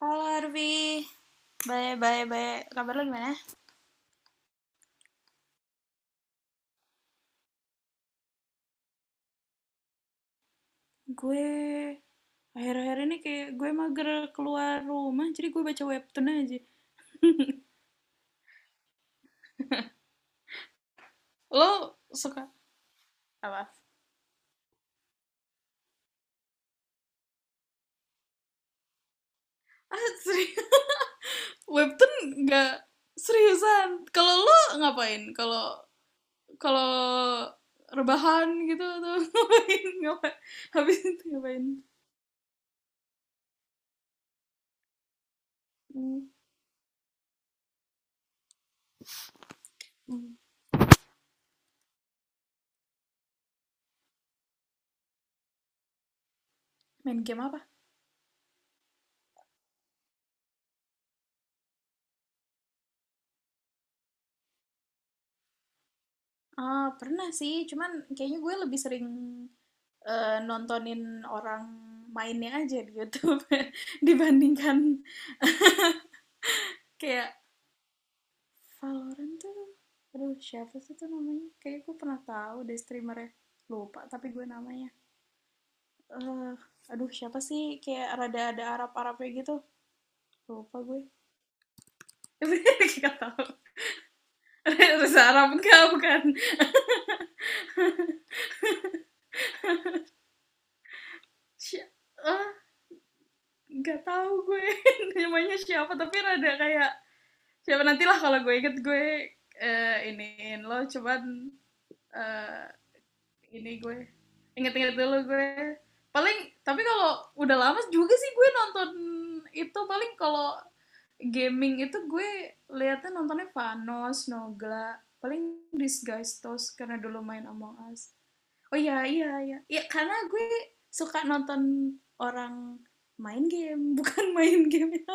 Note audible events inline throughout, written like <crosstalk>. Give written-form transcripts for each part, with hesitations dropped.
Halo Arvi, bye bye bye. Kabar lo gimana? Gue Akhir-akhir ini kayak gue mager keluar rumah, jadi gue baca webtoon aja. Lo suka apa? Ah, serius? <laughs> Webtoon nggak seriusan. Kalau lo ngapain? Kalau kalau rebahan gitu atau <laughs> ngapain? Ngapain? Habis itu ngapain? Hmm. Hmm. Main game apa? Ah, pernah sih, cuman kayaknya gue lebih sering nontonin orang mainnya aja di YouTube, <laughs> dibandingkan kayak Valorant tuh, aduh siapa sih tuh namanya, kayak gue pernah tahu deh streamernya, lupa. Tapi gue namanya, eh aduh siapa sih, kayak rada ada Arab Arabnya gitu, lupa gue. <laughs> Gak tahu. Reza? <laughs> Arab enggak, bukan. Si- ah, nggak tahu gue. <laughs> Namanya siapa, tapi rada kayak. Siapa nantilah kalau gue inget, gue iniin lo. Cuman, eh, ini gue inget-inget dulu gue. Paling tapi kalau udah lama juga sih gue nonton itu, paling kalau gaming itu gue liatnya nontonnya Vanos, Nogla, paling Disguise Toast karena dulu main Among Us. Oh iya iya iya. Ya karena gue suka nonton orang main game, <laughs> bukan main game. Ya.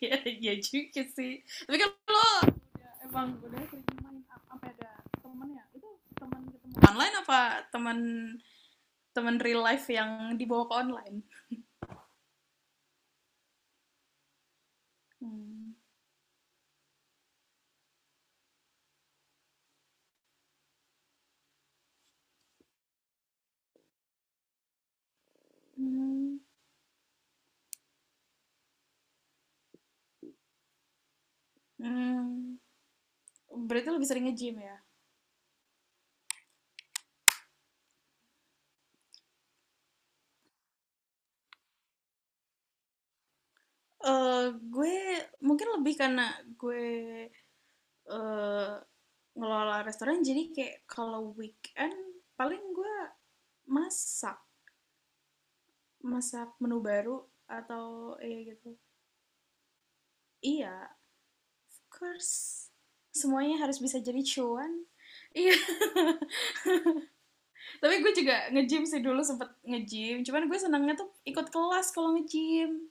Iya, <laughs> iya juga sih. Tapi kan lo ya emang udah sering main apa sampai ada temennya itu, teman ketemu online, apa teman teman real life yang dibawa ke online? Hmm. Hmm. Hmm. Berarti lebih sering nge-gym ya? Eh, gue mungkin lebih karena gue eh ngelola restoran, jadi kayak kalau weekend paling gue masak, masak menu baru, atau ya gitu. Iya, course semuanya harus bisa jadi cuan. Iya. <laughs> Tapi gue juga nge-gym sih, dulu sempet nge-gym, cuman gue senangnya tuh ikut kelas kalau nge-gym.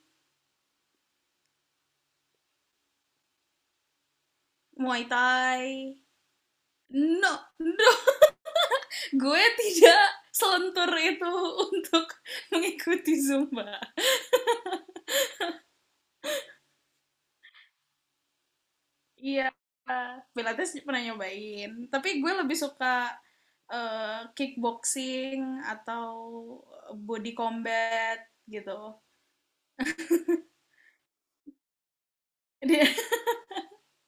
Muay thai. No, no, gue tidak selentur itu <laughs> untuk mengikuti zumba. Iya, pilates pernah nyobain, tapi gue lebih suka kickboxing atau body combat gitu.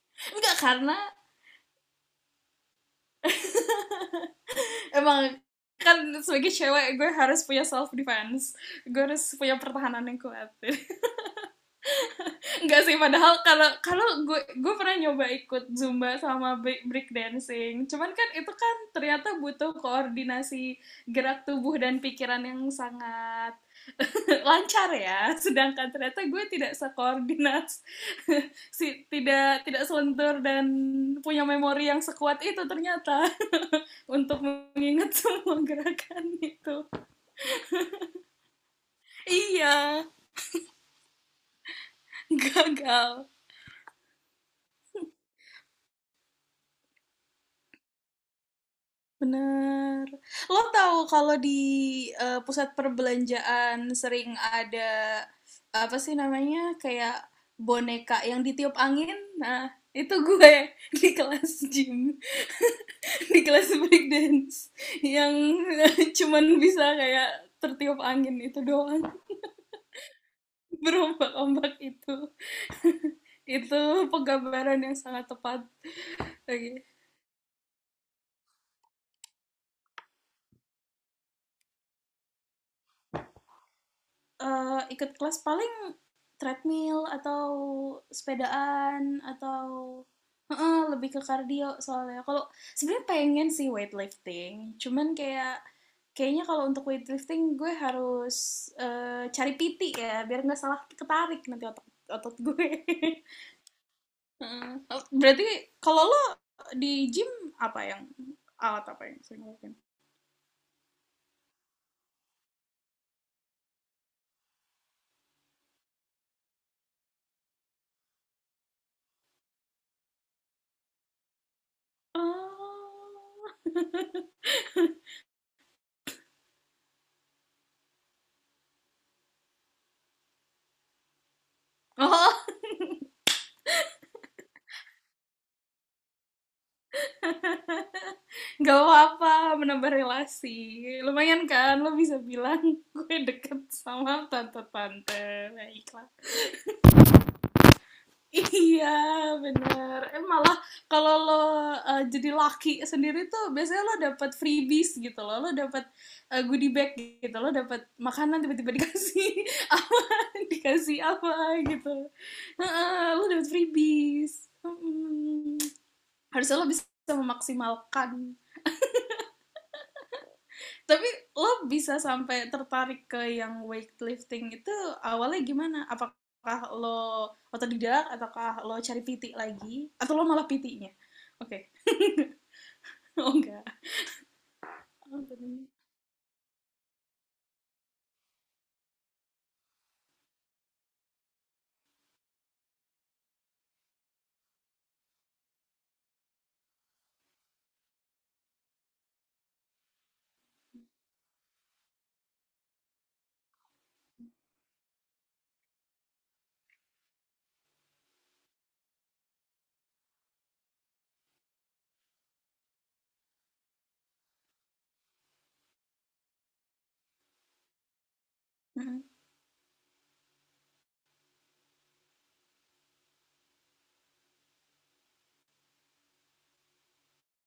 <laughs> Enggak karena, <laughs> emang kan sebagai cewek gue harus punya self defense, gue harus punya pertahanan yang kuat. <laughs> Nggak sih, padahal kalau kalau gue pernah nyoba ikut zumba sama break dancing, cuman kan itu kan ternyata butuh koordinasi gerak tubuh dan pikiran yang sangat <laughs> lancar ya, sedangkan ternyata gue tidak sekoordinat, <laughs> si tidak tidak selentur dan punya memori yang sekuat itu ternyata <laughs> untuk mengingat <laughs> semua gerakan itu. Iya, gagal. Bener. Lo tahu kalau di, pusat perbelanjaan sering ada apa sih namanya, kayak boneka yang ditiup angin? Nah, itu gue <laughs> di kelas gym, di kelas breakdance yang <laughs> cuman bisa kayak tertiup angin itu doang, <laughs> berombak-ombak itu penggambaran yang sangat tepat. Oke. Okay. Ikut kelas paling treadmill atau sepedaan atau, heeh, lebih ke kardio soalnya. Kalau sebenarnya pengen sih weightlifting, cuman kayak kayaknya kalau untuk weightlifting gue harus cari PT ya, biar nggak salah ketarik nanti otot otot gue. <laughs> Heeh. Berarti kalau lo di gym apa yang, alat apa yang sering lo lakuin? Oh. <laughs> Oh. Gak apa-apa, menambah relasi. Lumayan kan, lo bisa bilang <laughs> gue deket sama tante-tante. Baiklah. Iya, bener. Eh, malah kalau lo, jadi laki sendiri tuh biasanya lo dapet freebies gitu loh. Lo dapet goodie bag gitu. Lo dapet makanan tiba-tiba dikasih <laughs> apa, dikasih apa gitu. Heeh, lo dapet freebies. Harusnya lo bisa memaksimalkan. Tapi lo bisa sampai tertarik ke yang weightlifting itu awalnya gimana? Apakah lo otodidak, ataukah lo cari PT lagi, atau lo malah PT-nya? Oke. <laughs> Oh enggak. Oh, bener.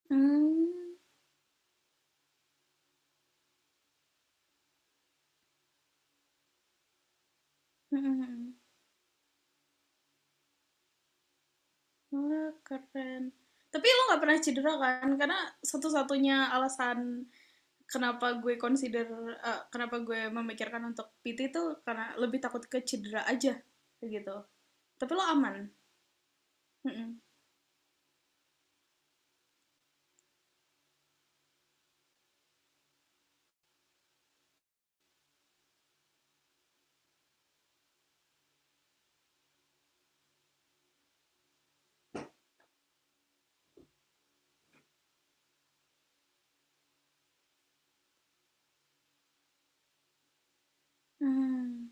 Hmm. Hmm. Wah, keren. Tapi lo nggak pernah cedera kan? Karena satu-satunya alasan kenapa gue consider, kenapa gue memikirkan untuk PT itu karena lebih takut ke cedera aja, kayak gitu. Tapi lo aman. Mm-mm. Hmm.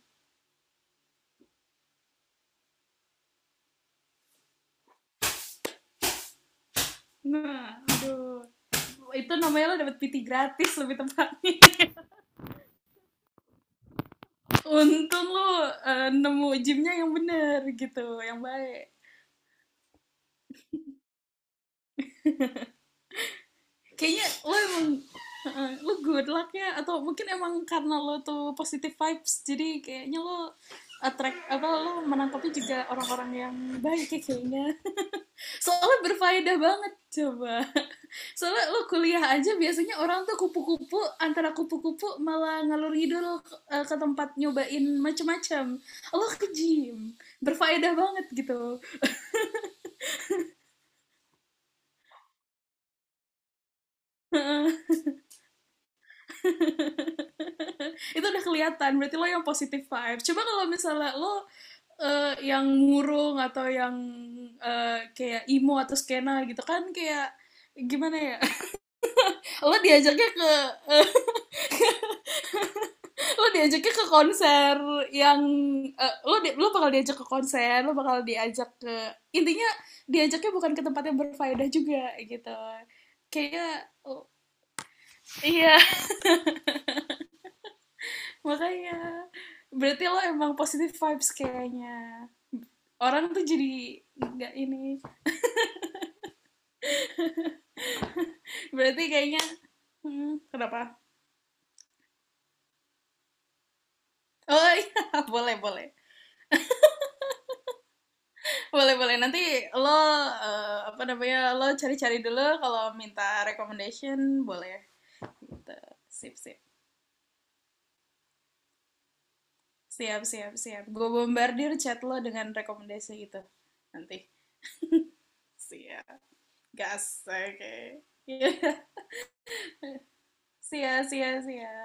Nah, aduh. Itu namanya lo dapet PT gratis lebih tepatnya. <laughs> Untung lo nemu gymnya yang bener gitu, yang baik. Kayaknya lo emang, lo good luck ya, atau mungkin emang karena lo tuh positive vibes jadi kayaknya lo attract, apa lo menangkapnya juga orang-orang yang baik ya kayaknya, soalnya berfaedah banget coba. <laughs> Soalnya lo kuliah aja biasanya orang tuh kupu-kupu, antara kupu-kupu malah ngalur ngidul ke tempat nyobain macam-macam, lo ke gym berfaedah banget gitu. <laughs> Itu udah kelihatan berarti lo yang positif vibe. Coba kalau misalnya lo yang murung, atau yang kayak emo atau skena gitu kan, kayak gimana ya. <laughs> Lo diajaknya ke, eh, lo diajaknya ke konser yang, lo di- lo bakal diajak ke konser, lo bakal diajak ke, intinya diajaknya bukan ke tempat yang berfaedah juga gitu kayaknya. Oh, iya. <laughs> Makanya berarti lo emang positive vibes kayaknya, orang tuh jadi nggak ini. Berarti kayaknya, hmm, kenapa. Oh iya. <laughs> Boleh boleh. Boleh boleh nanti lo, apa namanya, lo cari-cari dulu kalau minta recommendation, boleh gitu. Sip sip. Siap siap siap, gue bombardir chat lo dengan rekomendasi itu nanti. Siap. Gas. Oke. <laughs> Siap siap siap.